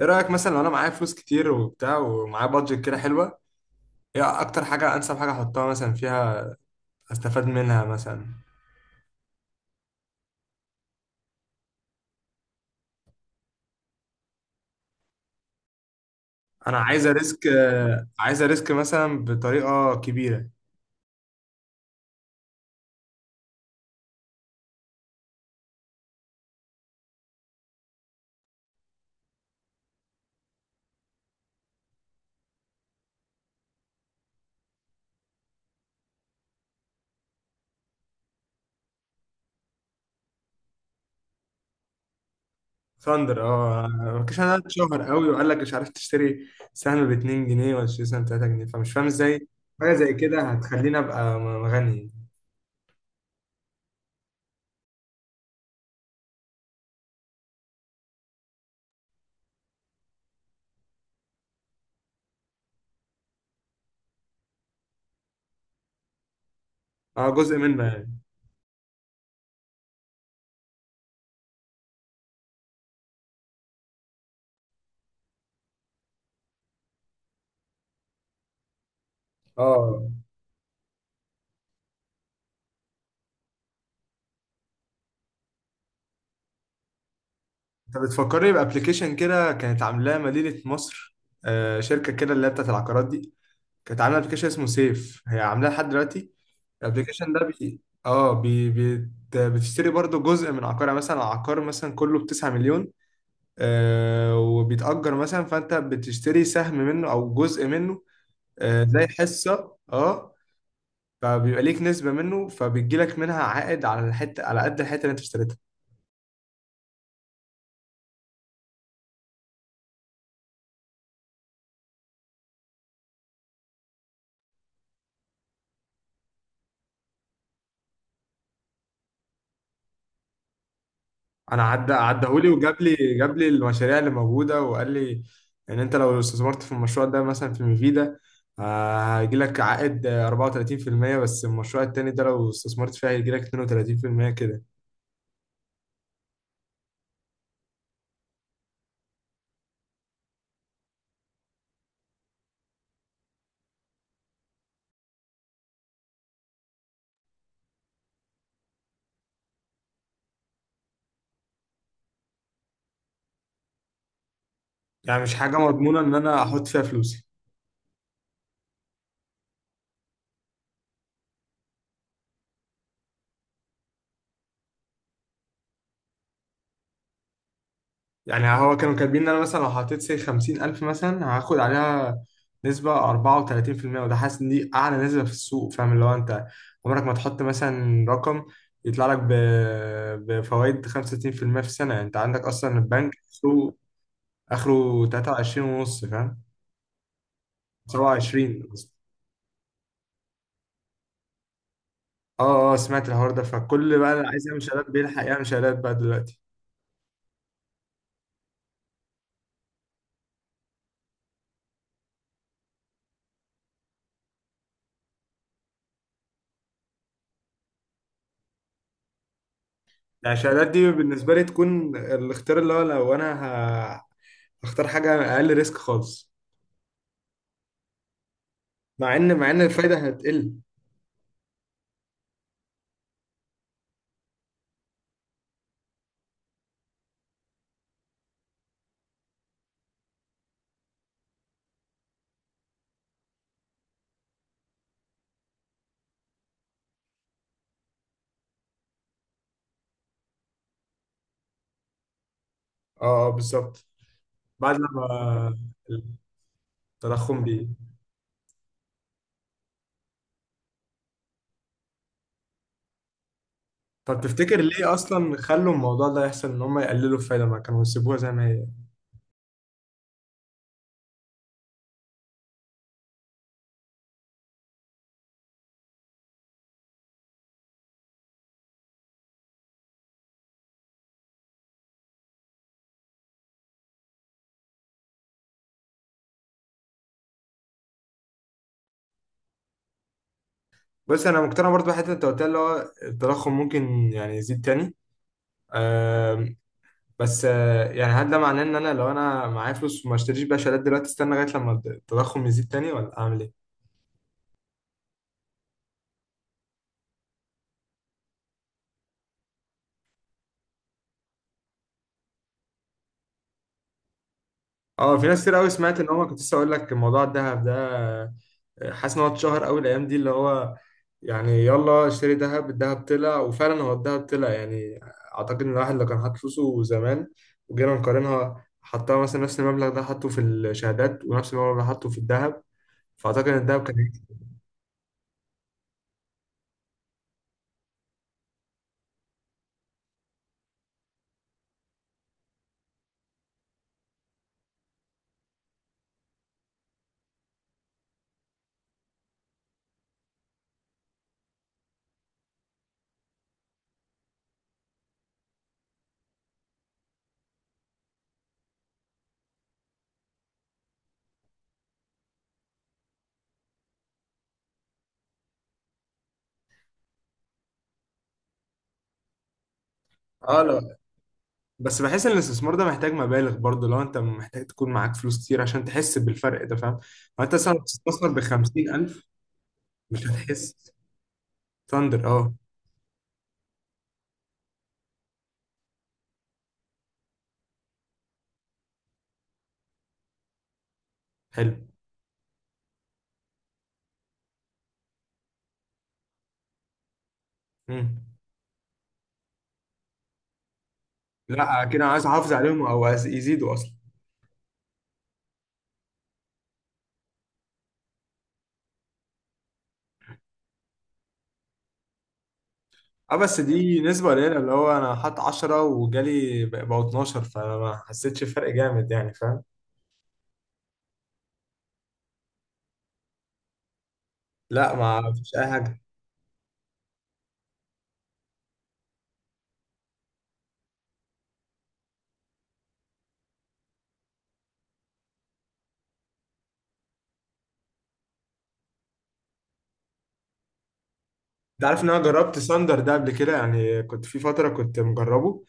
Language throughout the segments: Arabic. ايه رايك مثلا لو انا معايا فلوس كتير وبتاع ومعايا بادجت كده حلوه؟ ايه اكتر حاجه انسب حاجه احطها مثلا فيها؟ استفاد منها مثلا. انا عايزه ريسك، عايزه ريسك مثلا بطريقه كبيره. ثاندر، اه. مفيش، انا اتشهر قوي وقال لك مش عارف تشتري سهم ب 2 جنيه ولا تشتري سهم ب 3 جنيه، فمش فاهم ازاي حاجه زي كده هتخليني ابقى غني. اه، جزء منه يعني. اه، انت بتفكرني بابلكيشن كده كانت عاملاه مدينه مصر، شركه كده اللي هي بتاعت العقارات دي. كانت عامله ابلكيشن اسمه سيف، هي عاملاه لحد دلوقتي. الابلكيشن ده بي... اه بي... بي... بتشتري برضو جزء من عقارها، مثلا عقار مثلا كله ب 9 مليون، وبيتأجر مثلا، فانت بتشتري سهم منه او جزء منه، زي حصة، اه. فبيبقى ليك نسبة منه، فبيجي لك منها عائد على الحتة على قد الحتة اللي انت اشتريتها. انا عدهولي وجاب لي جاب لي المشاريع اللي موجوده وقال لي ان انت لو استثمرت في المشروع ده مثلا في ميفيدا، هيجي لك عائد 34%. بس المشروع التاني ده لو استثمرت فيه هيجي لك 32% كده. يعني مش حاجه مضمونه ان انا احط فيها فلوسي. يعني هو كانوا كاتبين ان انا مثلا لو حطيت سي 50,000 مثلا هاخد عليها نسبة 34%، وده حاسس ان دي اعلى نسبة في السوق. فاهم اللي هو انت عمرك ما تحط مثلا رقم يطلع لك بفوائد 65% في المية في السنة؟ يعني انت عندك اصلا البنك سوق اخره 23 ونص، فاهم، 27 قصدي. اه اه، سمعت الحوار ده، فكل بقى اللي عايز يعمل شهادات بيلحق يعمل شهادات بقى دلوقتي. يعني الشهادات دي بالنسبة لي تكون الاختيار، اللي هو لو انا ه- هختار حاجة اقل ريسك خالص. مع ان الفايده هتقل. اه، بالظبط. بعد لما التضخم. طب تفتكر ليه اصلا خلوا الموضوع ده يحصل، ان هم يقللوا الفايده ما كانوا يسيبوها زي ما هي؟ بس انا مقتنع برضه بحته انت قلتها، اللي هو التضخم ممكن يعني يزيد تاني. آم، بس يعني هل ده معناه ان انا لو انا معايا فلوس وما اشتريش بقى شهادات دلوقتي استنى لغايه لما التضخم يزيد تاني، ولا اعمل ايه؟ اه، في ناس كتير قوي سمعت، ان هو كنت لسه اقول لك موضوع الذهب ده، حاسس ان هو اتشهر قوي الايام دي، اللي هو يعني يلا اشتري دهب، الدهب طلع. وفعلا هو الدهب طلع يعني. اعتقد ان الواحد لو كان حاطط فلوسه زمان وجينا نقارنها، حطها مثلا نفس المبلغ ده حطه في الشهادات ونفس المبلغ ده حطه في الذهب، فاعتقد ان الذهب كان هيكسب. اه، لا. بس بحس ان الاستثمار ده محتاج مبالغ برضه، لو انت محتاج تكون معاك فلوس كتير عشان تحس بالفرق ده، فاهم؟ لو انت مثلا بتستثمر ب 50,000 مش هتحس. ثاندر، اه. حلو. مم. لا، كده عايز احافظ عليهم او عايز يزيدوا اصلا. اه، بس دي نسبة قليلة، اللي هو انا حاط 10 وجالي بقوا 12، فانا ما حسيتش بفرق جامد يعني، فاهم؟ لا، ما فيش اي حاجة. انت عارف ان انا جربت ساندر ده قبل كده يعني، كنت في فترة كنت مجربه،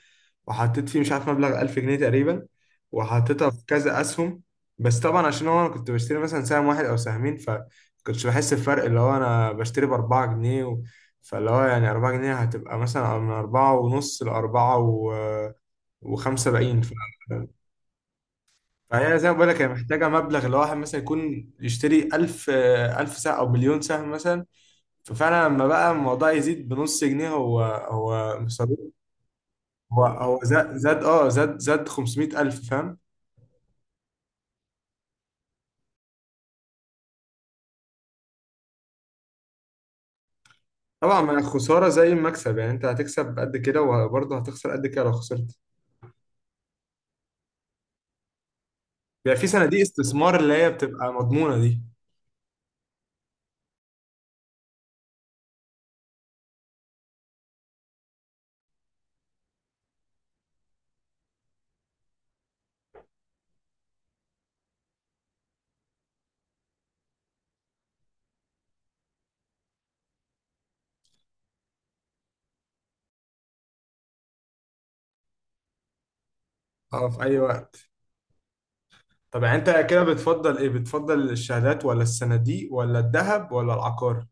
وحطيت فيه مش عارف مبلغ 1000 جنيه تقريبا، وحطيتها في كذا اسهم. بس طبعا عشان هو انا كنت بشتري مثلا سهم واحد او سهمين فكنتش بحس بفرق، اللي هو انا بشتري ب 4 جنيه فاللي هو يعني 4 جنيه هتبقى مثلا من 4 ونص ل 4 و75. فهي زي ما بقول لك هي محتاجة مبلغ اللي هو واحد مثلا يكون يشتري 1000 سهم أو مليون سهم مثلا. ففعلا لما بقى الموضوع يزيد بنص جنيه، هو مصدر. هو هو زاد زاد اه زاد زاد 500,000، فاهم؟ طبعا، ما خسارة زي المكسب يعني، أنت هتكسب قد كده وبرضه هتخسر قد كده لو خسرت. بيبقى في صناديق استثمار اللي هي بتبقى مضمونة دي. اه، في أي وقت. طب يعني أنت كده بتفضل إيه؟ بتفضل الشهادات ولا الصناديق ولا الذهب ولا العقار؟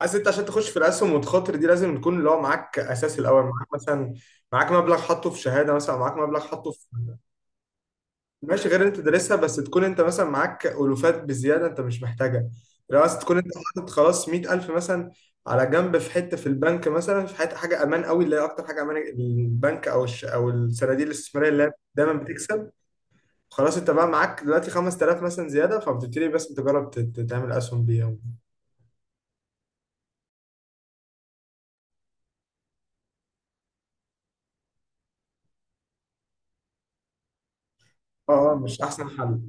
عايز انت عشان تخش في الاسهم والتخاطر دي لازم يكون اللي هو معاك اساس الاول، معاك مثلا، معاك مبلغ حاطه في شهاده مثلا، معاك مبلغ حاطه. ماشي، غير اللي انت دارسها، بس تكون انت مثلا معاك الوفات بزياده انت مش محتاجها. لو عايز تكون انت حاطط خلاص 100,000 مثلا على جنب في حته في البنك، مثلا في حته حاجه امان قوي اللي هي اكتر حاجه امان، البنك او او الصناديق الاستثماريه اللي هي دايما بتكسب. خلاص، انت بقى معاك دلوقتي 5,000 مثلا زياده، فبتبتدي بس تجرب تعمل اسهم بيها. اه اه، مش احسن حل.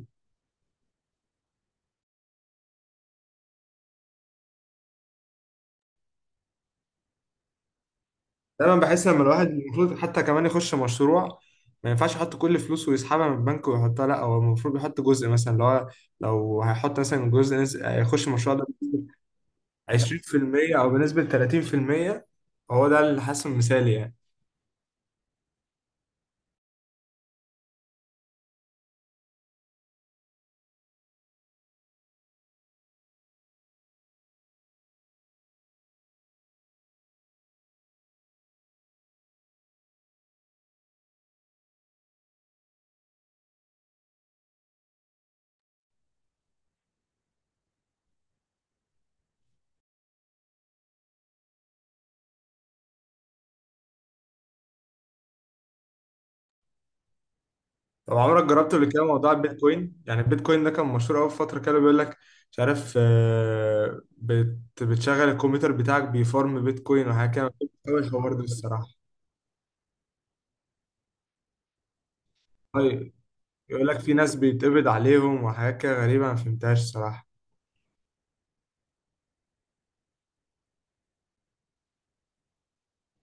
دايما بحس لما الواحد المفروض حتى كمان يخش مشروع ما ينفعش يحط كل فلوسه ويسحبها من البنك ويحطها، لا، هو المفروض يحط جزء مثلا اللي هو، لو هيحط مثلا جزء يخش المشروع ده 20% او بنسبة 30%. هو ده اللي حاسه مثالي يعني. طب عمرك جربت قبل كده موضوع البيتكوين؟ يعني البيتكوين ده كان مشهور قوي في فترة، كده بيقول لك مش عارف، بتشغل الكمبيوتر بتاعك بيفارم بيتكوين وحاجة كده، ما كنتش أوي الحوار ده الصراحة. طيب، يقول لك في ناس بيتقبض عليهم وحاجات كده غريبة ما فهمتهاش الصراحة.